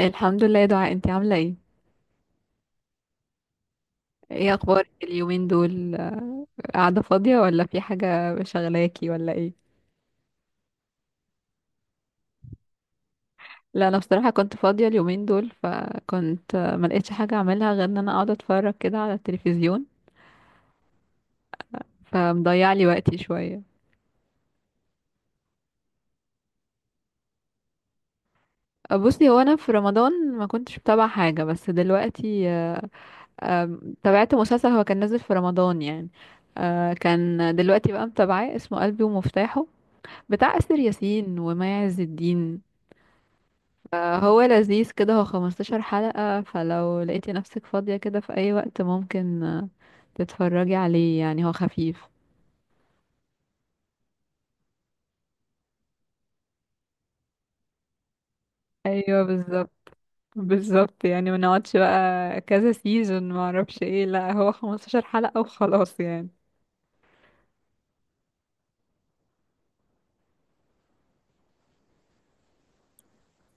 الحمد لله يا دعاء، انتي عاملة ايه؟ ايه اخبارك اليومين دول؟ قاعدة فاضية ولا في حاجة، شغلاكي ولا ايه؟ لا انا بصراحة كنت فاضية اليومين دول، فكنت ما لقيتش حاجة اعملها غير ان انا اقعد اتفرج كده على التلفزيون، فمضيع لي وقتي شوية. بصي، هو انا في رمضان ما كنتش بتابع حاجة، بس دلوقتي آه، آم، تابعت مسلسل هو كان نازل في رمضان يعني. كان دلوقتي بقى متابعاه، اسمه قلبي ومفتاحه، بتاع آسر ياسين ومي عز الدين. هو لذيذ كده، هو 15 حلقة، فلو لقيتي نفسك فاضية كده في أي وقت ممكن تتفرجي عليه، يعني هو خفيف. ايوه بالظبط. بالظبط، يعني ما نقعدش بقى كذا سيزون ما اعرفش ايه، لا هو 15 حلقة وخلاص يعني.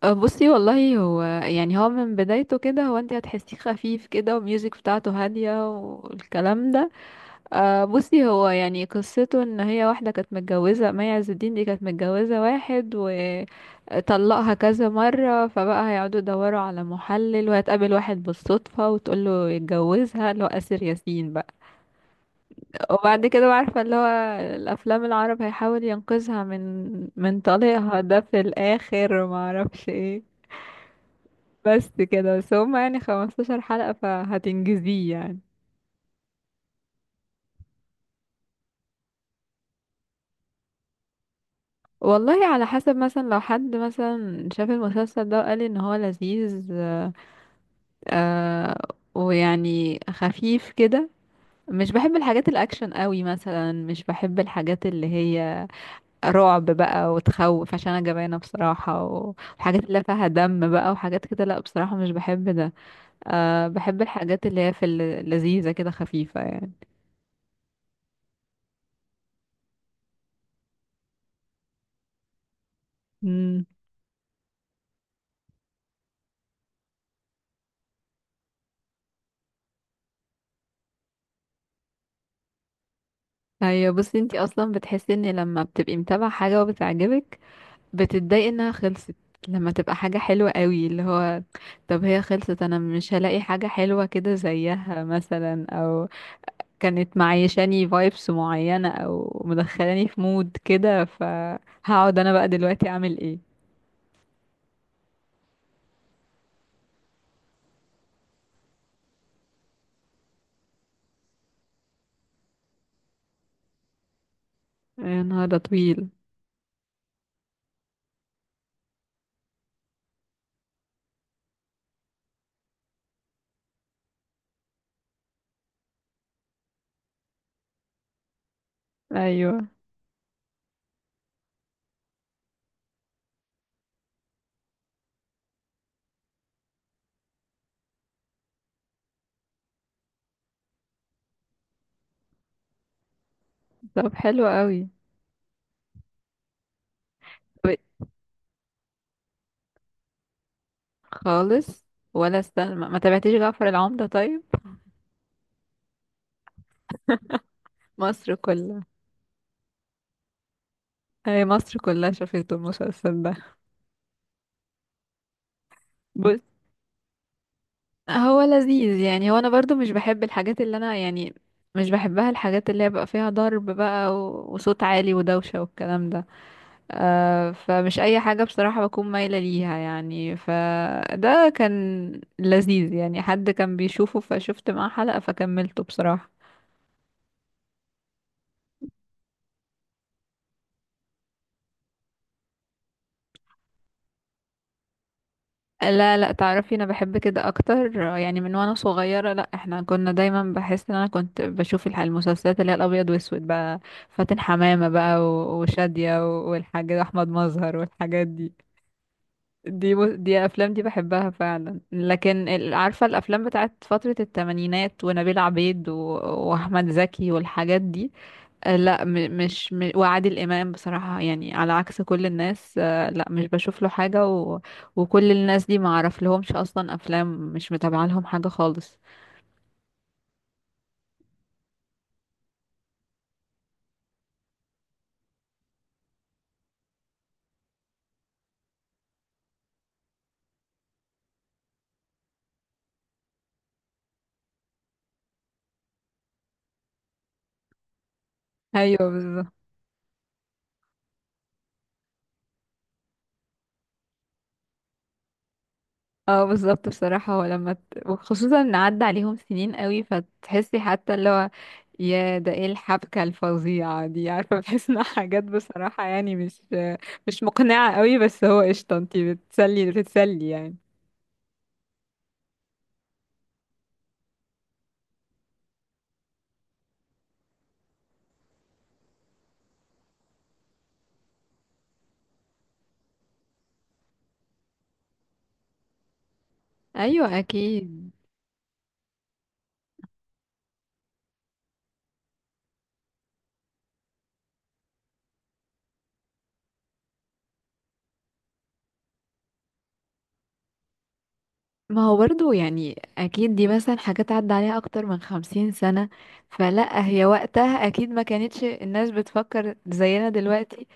بصي والله، هو يعني هو من بدايته كده، هو انت هتحسيه خفيف كده، والميوزك بتاعته هادية والكلام ده. بصي، هو يعني قصته ان هي واحدة كانت متجوزة، مي عز الدين دي كانت متجوزة واحد وطلقها كذا مرة، فبقى هيقعدوا يدوروا على محلل، وهتقابل واحد بالصدفة وتقول له يتجوزها، اللي هو آسر ياسين بقى. وبعد كده بقى، عارفة اللي هو الأفلام العرب، هيحاول ينقذها من طليقها ده في الآخر، ومعرفش ايه. بس كده بس، هما يعني 15 حلقة فهتنجزيه يعني. والله على حسب، مثلا لو حد مثلا شاف المسلسل ده وقال ان هو لذيذ آه ويعني خفيف كده. مش بحب الحاجات الاكشن قوي مثلا، مش بحب الحاجات اللي هي رعب بقى وتخوف، عشان انا جبانه بصراحه، وحاجات اللي فيها دم بقى وحاجات كده، لا بصراحه مش بحب ده. بحب الحاجات اللي هي في اللذيذه كده خفيفه يعني. امم. ايوه بصي، انتي اصلا بتحسي ان لما بتبقي متابعه حاجه وبتعجبك، بتتضايق انها خلصت، لما تبقى حاجة حلوة قوي، اللي هو طب هي خلصت، انا مش هلاقي حاجة حلوة كده زيها مثلا، او كانت معيشاني فايبس معينة، او مدخلاني في مود كده، فهقعد انا بقى دلوقتي اعمل ايه. يا نهار ده طويل. ايوه طب حلو قوي. طب خالص، ولا استنى، ما تابعتيش جعفر العمدة طيب؟ مصر كلها، هي مصر كلها شافت المسلسل ده. هو لذيذ يعني، هو انا برضو مش بحب الحاجات اللي انا يعني مش بحبها، الحاجات اللي هي بقى فيها ضرب بقى وصوت عالي ودوشة والكلام ده. فمش اي حاجة بصراحة بكون مايلة ليها، يعني فده كان لذيذ يعني، حد كان بيشوفه فشفت معاه حلقة فكملته بصراحة. لا لا، تعرفي انا بحب كده اكتر، يعني من وانا صغيره، لا احنا كنا دايما بحس ان انا كنت بشوف المسلسلات اللي هي الابيض واسود بقى، فاتن حمامه بقى وشاديه والحاج احمد مظهر والحاجات دي. دي افلام دي بحبها فعلا، لكن عارفه الافلام بتاعت فتره الثمانينات، ونبيل عبيد واحمد زكي والحاجات دي. آه، لا م- مش م- وعادل امام بصراحه، يعني على عكس كل الناس لا مش بشوف له حاجه وكل الناس دي ما اعرف لهمش اصلا افلام، مش متابعه لهم حاجه خالص. ايوه بالظبط. اه بالظبط، بصراحه هو وخصوصا ان عدى عليهم سنين قوي، فتحسي حتى اللي هو يا ده ايه الحبكه الفظيعه دي، عارفه بحس انها حاجات بصراحه، يعني مش مقنعه قوي، بس هو قشطه انتي بتتسلي يعني. ايوه اكيد. ما هو برضو يعني، اكيد دي مثلا حاجات عدى عليها اكتر من 50 سنة، فلا هي وقتها اكيد ما كانتش الناس بتفكر زينا دلوقتي،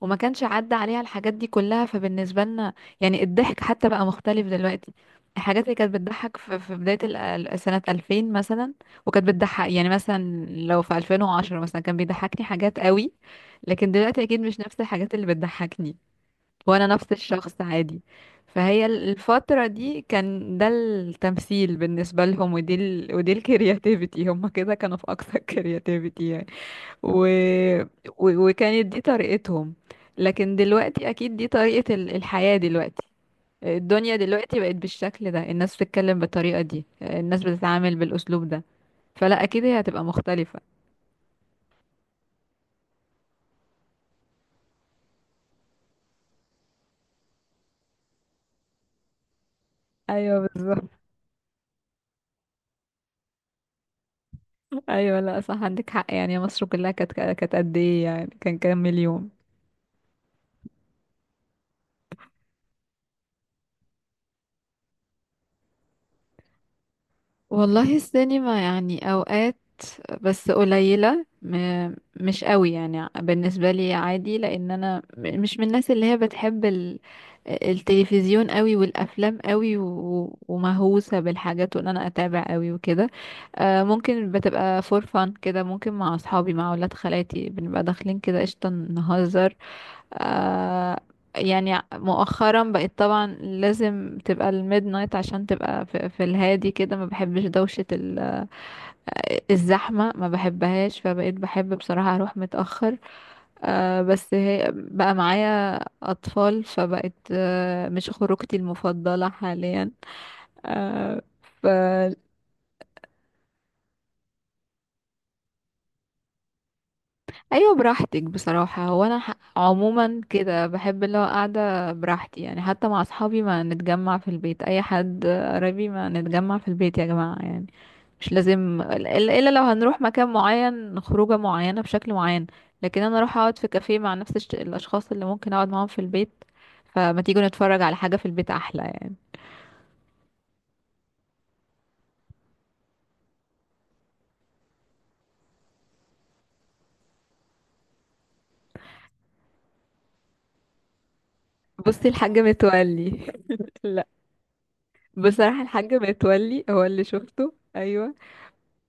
وما كانش عدى عليها الحاجات دي كلها، فبالنسبة لنا يعني الضحك حتى بقى مختلف دلوقتي. الحاجات اللي كانت بتضحك في بداية سنة 2000 مثلا، وكانت بتضحك يعني مثلا لو في 2010 مثلا كان بيضحكني حاجات قوي، لكن دلوقتي اكيد مش نفس الحاجات اللي بتضحكني وانا نفس الشخص عادي. فهي الفترة دي كان ده التمثيل بالنسبة لهم، ودي الكرياتيفيتي، هم كده كانوا في اقصى الكرياتيفيتي يعني. و... وكانت دي طريقتهم، لكن دلوقتي اكيد دي طريقة الحياة دلوقتي. الدنيا دلوقتي بقت بالشكل ده، الناس بتتكلم بالطريقة دي، الناس بتتعامل بالاسلوب ده، فلا اكيد هي هتبقى مختلفة. ايوه بالظبط. ايوه لا صح، عندك حق، يعني مصر كلها كانت قد ايه يعني، كان كام مليون. والله السينما يعني اوقات، بس قليلة مش قوي يعني بالنسبة لي عادي، لان انا مش من الناس اللي هي بتحب التلفزيون قوي والافلام قوي ومهووسة بالحاجات، وان انا اتابع قوي وكده. ممكن بتبقى فور فان كده، ممكن مع اصحابي مع اولاد خالاتي بنبقى داخلين كده قشطة نهزر. آه يعني مؤخرا بقيت طبعا لازم تبقى الميد نايت عشان تبقى في الهادي كده، ما بحبش دوشة الزحمة، ما بحبهاش، فبقيت بحب بصراحة اروح متأخر. بس هي بقى معايا اطفال، فبقت مش خروجتي المفضلة حاليا. آه ايوه براحتك بصراحه، هو انا عموما كده بحب اللي هو قاعده براحتي يعني، حتى مع اصحابي ما نتجمع في البيت، اي حد قريبي ما نتجمع في البيت يا جماعه يعني، مش لازم إلا لو هنروح مكان معين خروجه معينه بشكل معين. لكن انا اروح اقعد في كافيه مع نفس الاشخاص اللي ممكن اقعد معاهم في البيت، فما تيجوا نتفرج على حاجه في البيت احلى يعني. بصي الحاج متولي لا بصراحه الحاج متولي هو اللي شفته ايوه.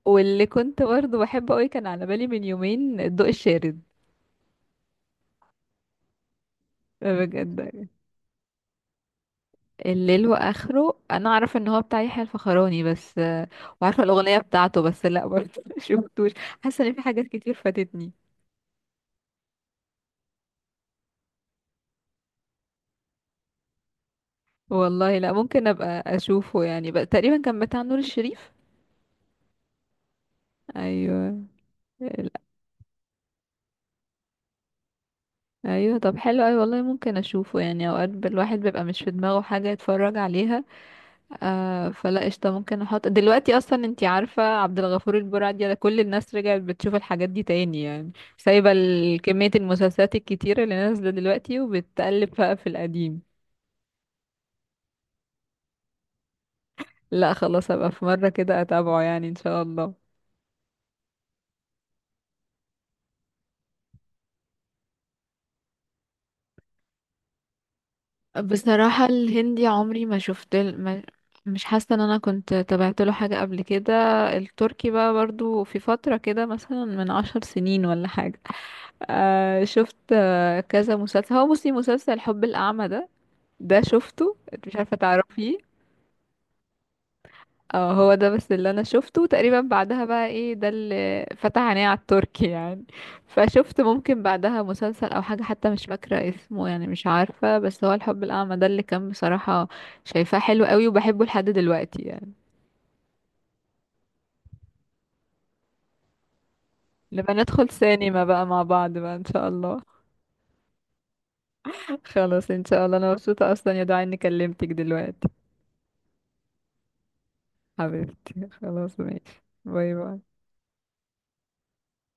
واللي كنت برضه بحبه قوي كان على بالي من يومين الضوء الشارد، بجد الليل واخره، انا اعرف ان هو بتاع يحيى الفخراني، بس وعارفه الاغنيه بتاعته، بس لا برضه شفتوش، حاسه ان في حاجات كتير فاتتني. والله لا، ممكن ابقى اشوفه يعني، بقى تقريبا كان بتاع نور الشريف. ايوه لا. ايوه طب حلو، ايوه والله ممكن اشوفه يعني، اوقات الواحد بيبقى مش في دماغه حاجه يتفرج عليها. فلا قشطة، ممكن احط دلوقتي اصلا، انتي عارفة عبد الغفور البرعي ده كل الناس رجعت بتشوف الحاجات دي تاني يعني، سايبة كمية المسلسلات الكتيرة اللي نازلة دلوقتي وبتقلب بقى في القديم. لا خلاص هبقى في مرة كده اتابعه يعني ان شاء الله. بصراحة الهندي عمري ما شفت ال- ما مش حاسة ان انا كنت تابعت له حاجة قبل كده. التركي بقى برضو في فترة كده مثلا من 10 سنين ولا حاجة، شفت كذا مسلسل، هو بصي مسلسل الحب الأعمى ده، ده شفته انت، مش عارفة تعرفيه؟ اه هو ده بس اللي انا شفته تقريبا، بعدها بقى ايه ده اللي فتح عيني على التركي يعني، فشفت ممكن بعدها مسلسل او حاجة حتى مش فاكرة اسمه يعني، مش عارفة، بس هو الحب الاعمى ده اللي كان بصراحة شايفاه حلو قوي وبحبه لحد دلوقتي يعني. لما ندخل سينما بقى مع بعض بقى ان شاء الله. خلاص ان شاء الله، انا مبسوطة اصلا يا دعاء اني كلمتك دلوقتي، حبيبتي خلاص ماشي، باي باي.